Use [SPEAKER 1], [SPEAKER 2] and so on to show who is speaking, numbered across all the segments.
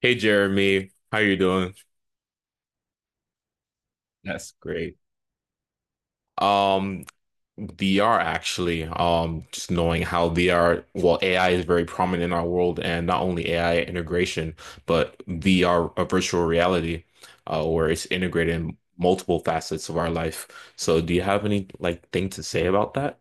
[SPEAKER 1] Hey Jeremy, how you doing? That's great. Um, VR actually, just knowing how VR, well, AI is very prominent in our world, and not only AI integration, but VR, a virtual reality, where it's integrated in multiple facets of our life. So, do you have any like thing to say about that?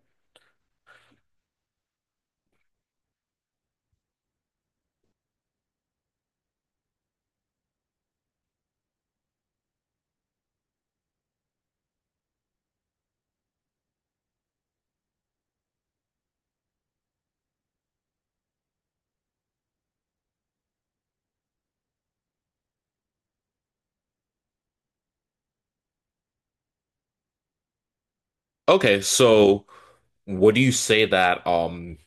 [SPEAKER 1] Okay, so what do you say that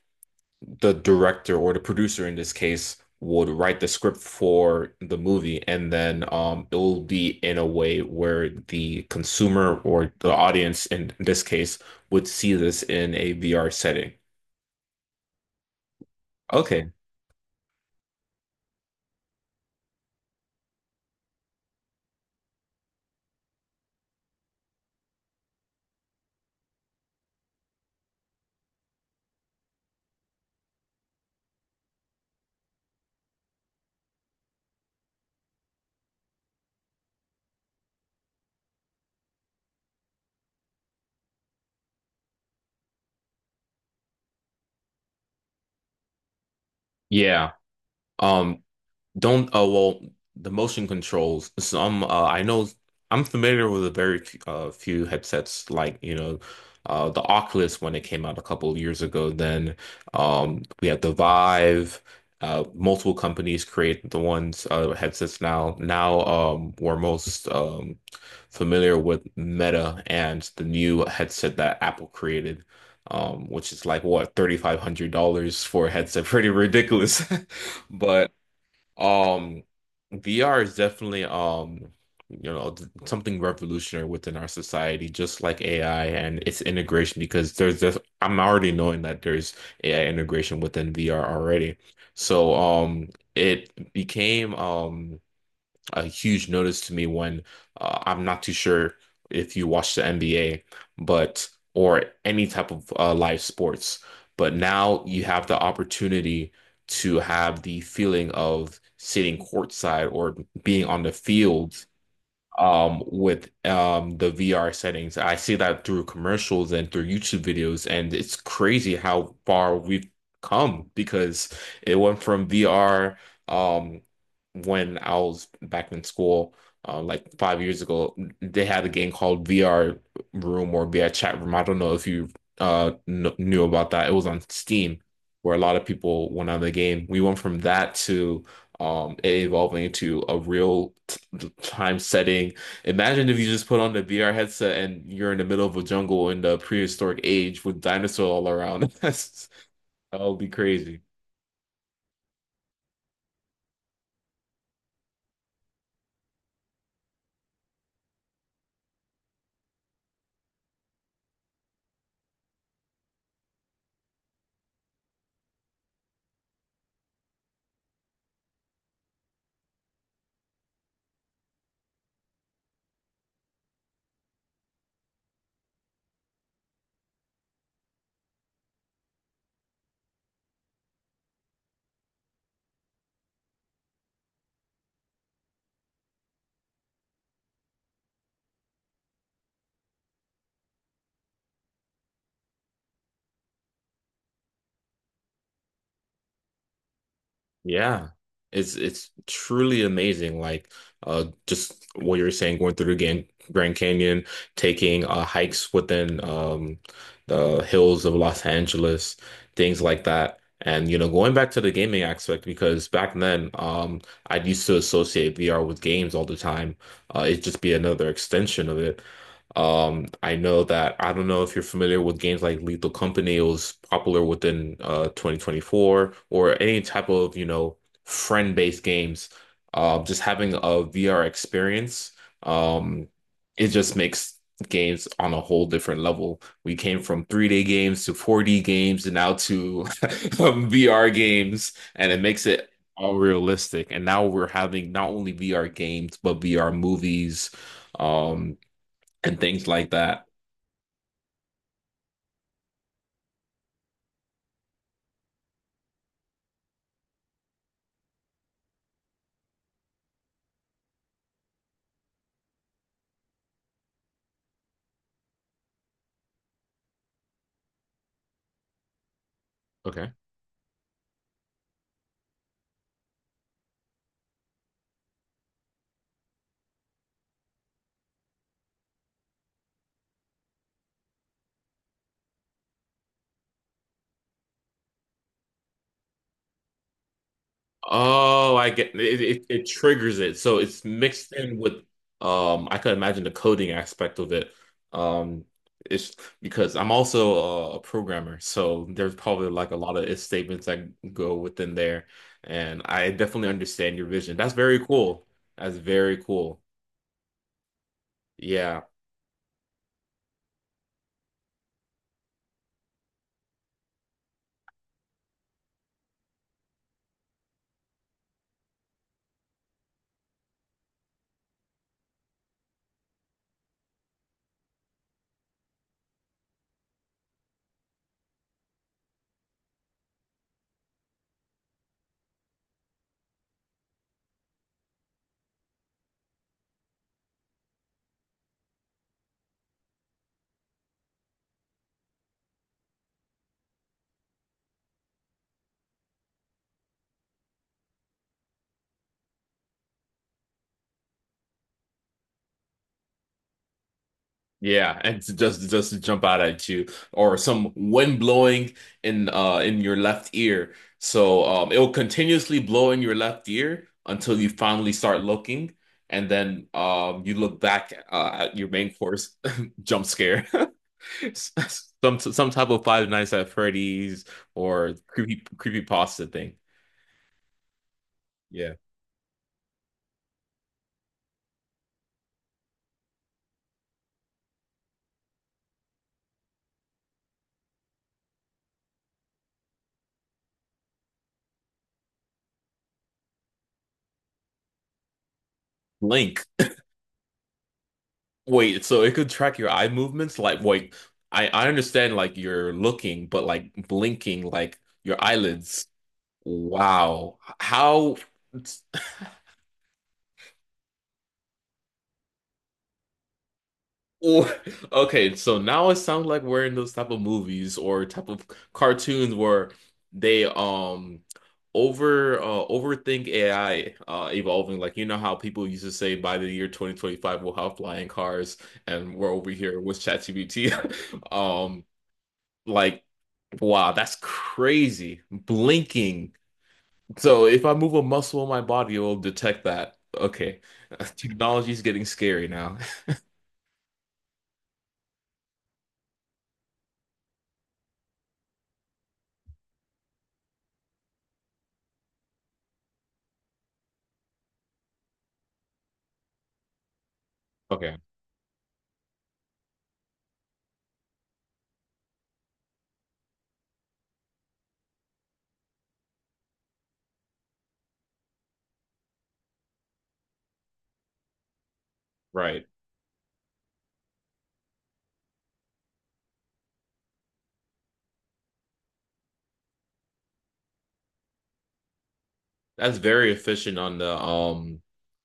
[SPEAKER 1] the director or the producer in this case would write the script for the movie, and then it'll be in a way where the consumer or the audience in this case would see this in a VR setting. Okay. Yeah. Um Don't, well, the motion controls. I know I'm familiar with a very few headsets, like, the Oculus when it came out a couple of years ago. Then we had the Vive. Multiple companies create the ones headsets now. Now we're most familiar with Meta and the new headset that Apple created, which is like what $3,500 for a headset. Pretty ridiculous. But um, VR is definitely something revolutionary within our society, just like AI and its integration, because there's this, I'm already knowing that there's AI integration within VR already. So it became a huge notice to me when I'm not too sure if you watch the NBA, but or any type of live sports. But now you have the opportunity to have the feeling of sitting courtside or being on the field with the VR settings. I see that through commercials and through YouTube videos, and it's crazy how far we've come because it went from VR um, when I was back in school. Like 5 years ago, they had a game called VR Room or VR Chat Room. I don't know if you kn knew about that. It was on Steam, where a lot of people went on the game. We went from that to it evolving into a real t time setting. Imagine if you just put on the VR headset and you're in the middle of a jungle in the prehistoric age with dinosaurs all around. That would be crazy. Yeah. It's truly amazing. Like just what you were saying, going through the Grand Canyon, taking hikes within the hills of Los Angeles, things like that. And you know, going back to the gaming aspect, because back then, I used to associate VR with games all the time. It'd just be another extension of it. I know that I don't know if you're familiar with games like Lethal Company. It was popular within 2024 or any type of, you know, friend-based games. Just having a VR experience, um, it just makes games on a whole different level. We came from 3D games to 4D games and now to VR games, and it makes it all realistic. And now we're having not only VR games, but VR movies. Um, and things like that. Okay. Oh, I get it. It triggers it, so it's mixed in with. I could imagine the coding aspect of it. Um, it's because I'm also a programmer, so there's probably like a lot of if statements that go within there, and I definitely understand your vision. That's very cool. That's very cool. Yeah. Yeah, and to just to jump out at you, or some wind blowing in your left ear. So it will continuously blow in your left ear until you finally start looking, and then you look back at your main course, jump scare. Some type of Five Nights at Freddy's or creepy pasta thing. Yeah, Link. Wait, so it could track your eye movements? Like, wait, I understand like you're looking, but like blinking, like your eyelids. Wow. How? Oh, okay, so now it sounds like we're in those type of movies or type of cartoons where they overthink AI evolving. Like you know how people used to say by the year 2025 we'll have flying cars and we're over here with ChatGPT. Um like, wow, that's crazy. Blinking. So if I move a muscle in my body, it will detect that. Okay. Technology's getting scary now. Okay, right. That's very efficient on the um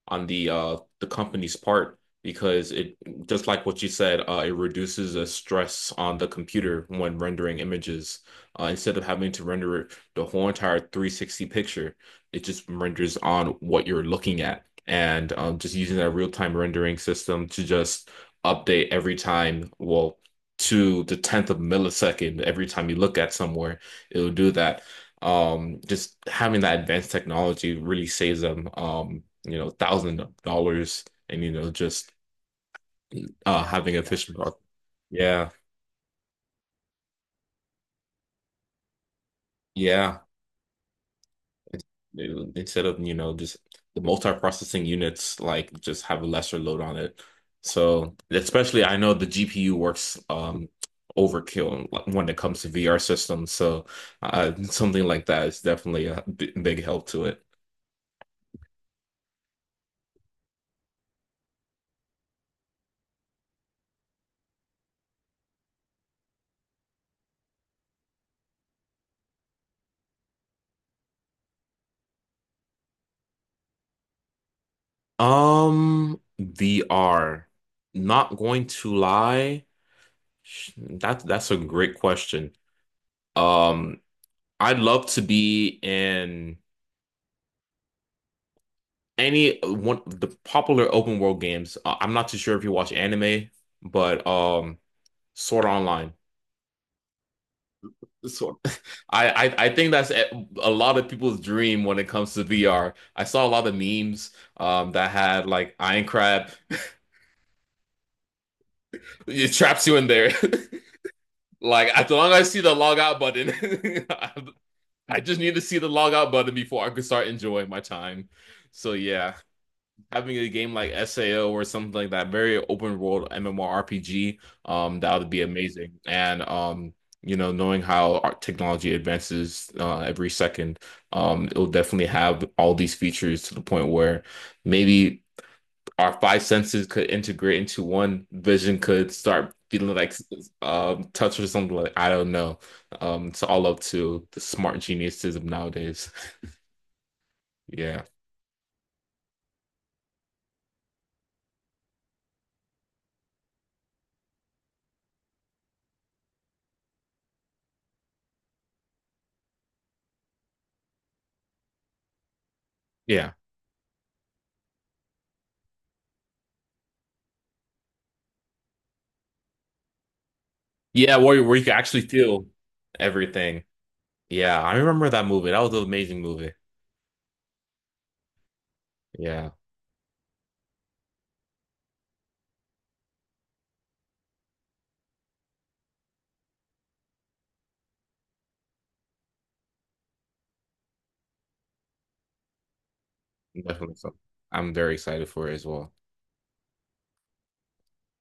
[SPEAKER 1] on the uh the company's part because it, just like what you said, it reduces the stress on the computer when rendering images. Instead of having to render it the whole entire 360 picture, it just renders on what you're looking at. And just using that real-time rendering system to just update every time, well, to the tenth of millisecond every time you look at somewhere, it'll do that. Just having that advanced technology really saves them, thousands of dollars and, just having efficient. Yeah. Yeah. It's- Instead of, you know, just the multi-processing units like just have a lesser load on it. So especially I know the GPU works overkill when it comes to VR systems. So something like that is definitely a b big help to it. VR. Not going to lie. That's a great question. Um, I'd love to be in any one of the popular open world games. I'm not too sure if you watch anime, but Sword Art Online. Sword. I think that's a lot of people's dream when it comes to VR. I saw a lot of memes that had like Iron Crab. It traps you in there. Like as long as I see the log out button, I just need to see the log out button before I can start enjoying my time. So yeah, having a game like SAO or something like that, very open world MMORPG, that would be amazing. And knowing how our technology advances every second, it'll definitely have all these features to the point where maybe our five senses could integrate into one vision could start feeling like touch or something like I don't know. It's all up to the smart geniuses of nowadays. Yeah. Yeah. Yeah, where you can actually feel everything. Yeah, I remember that movie. That was an amazing movie. Yeah, definitely. So I'm very excited for it as well.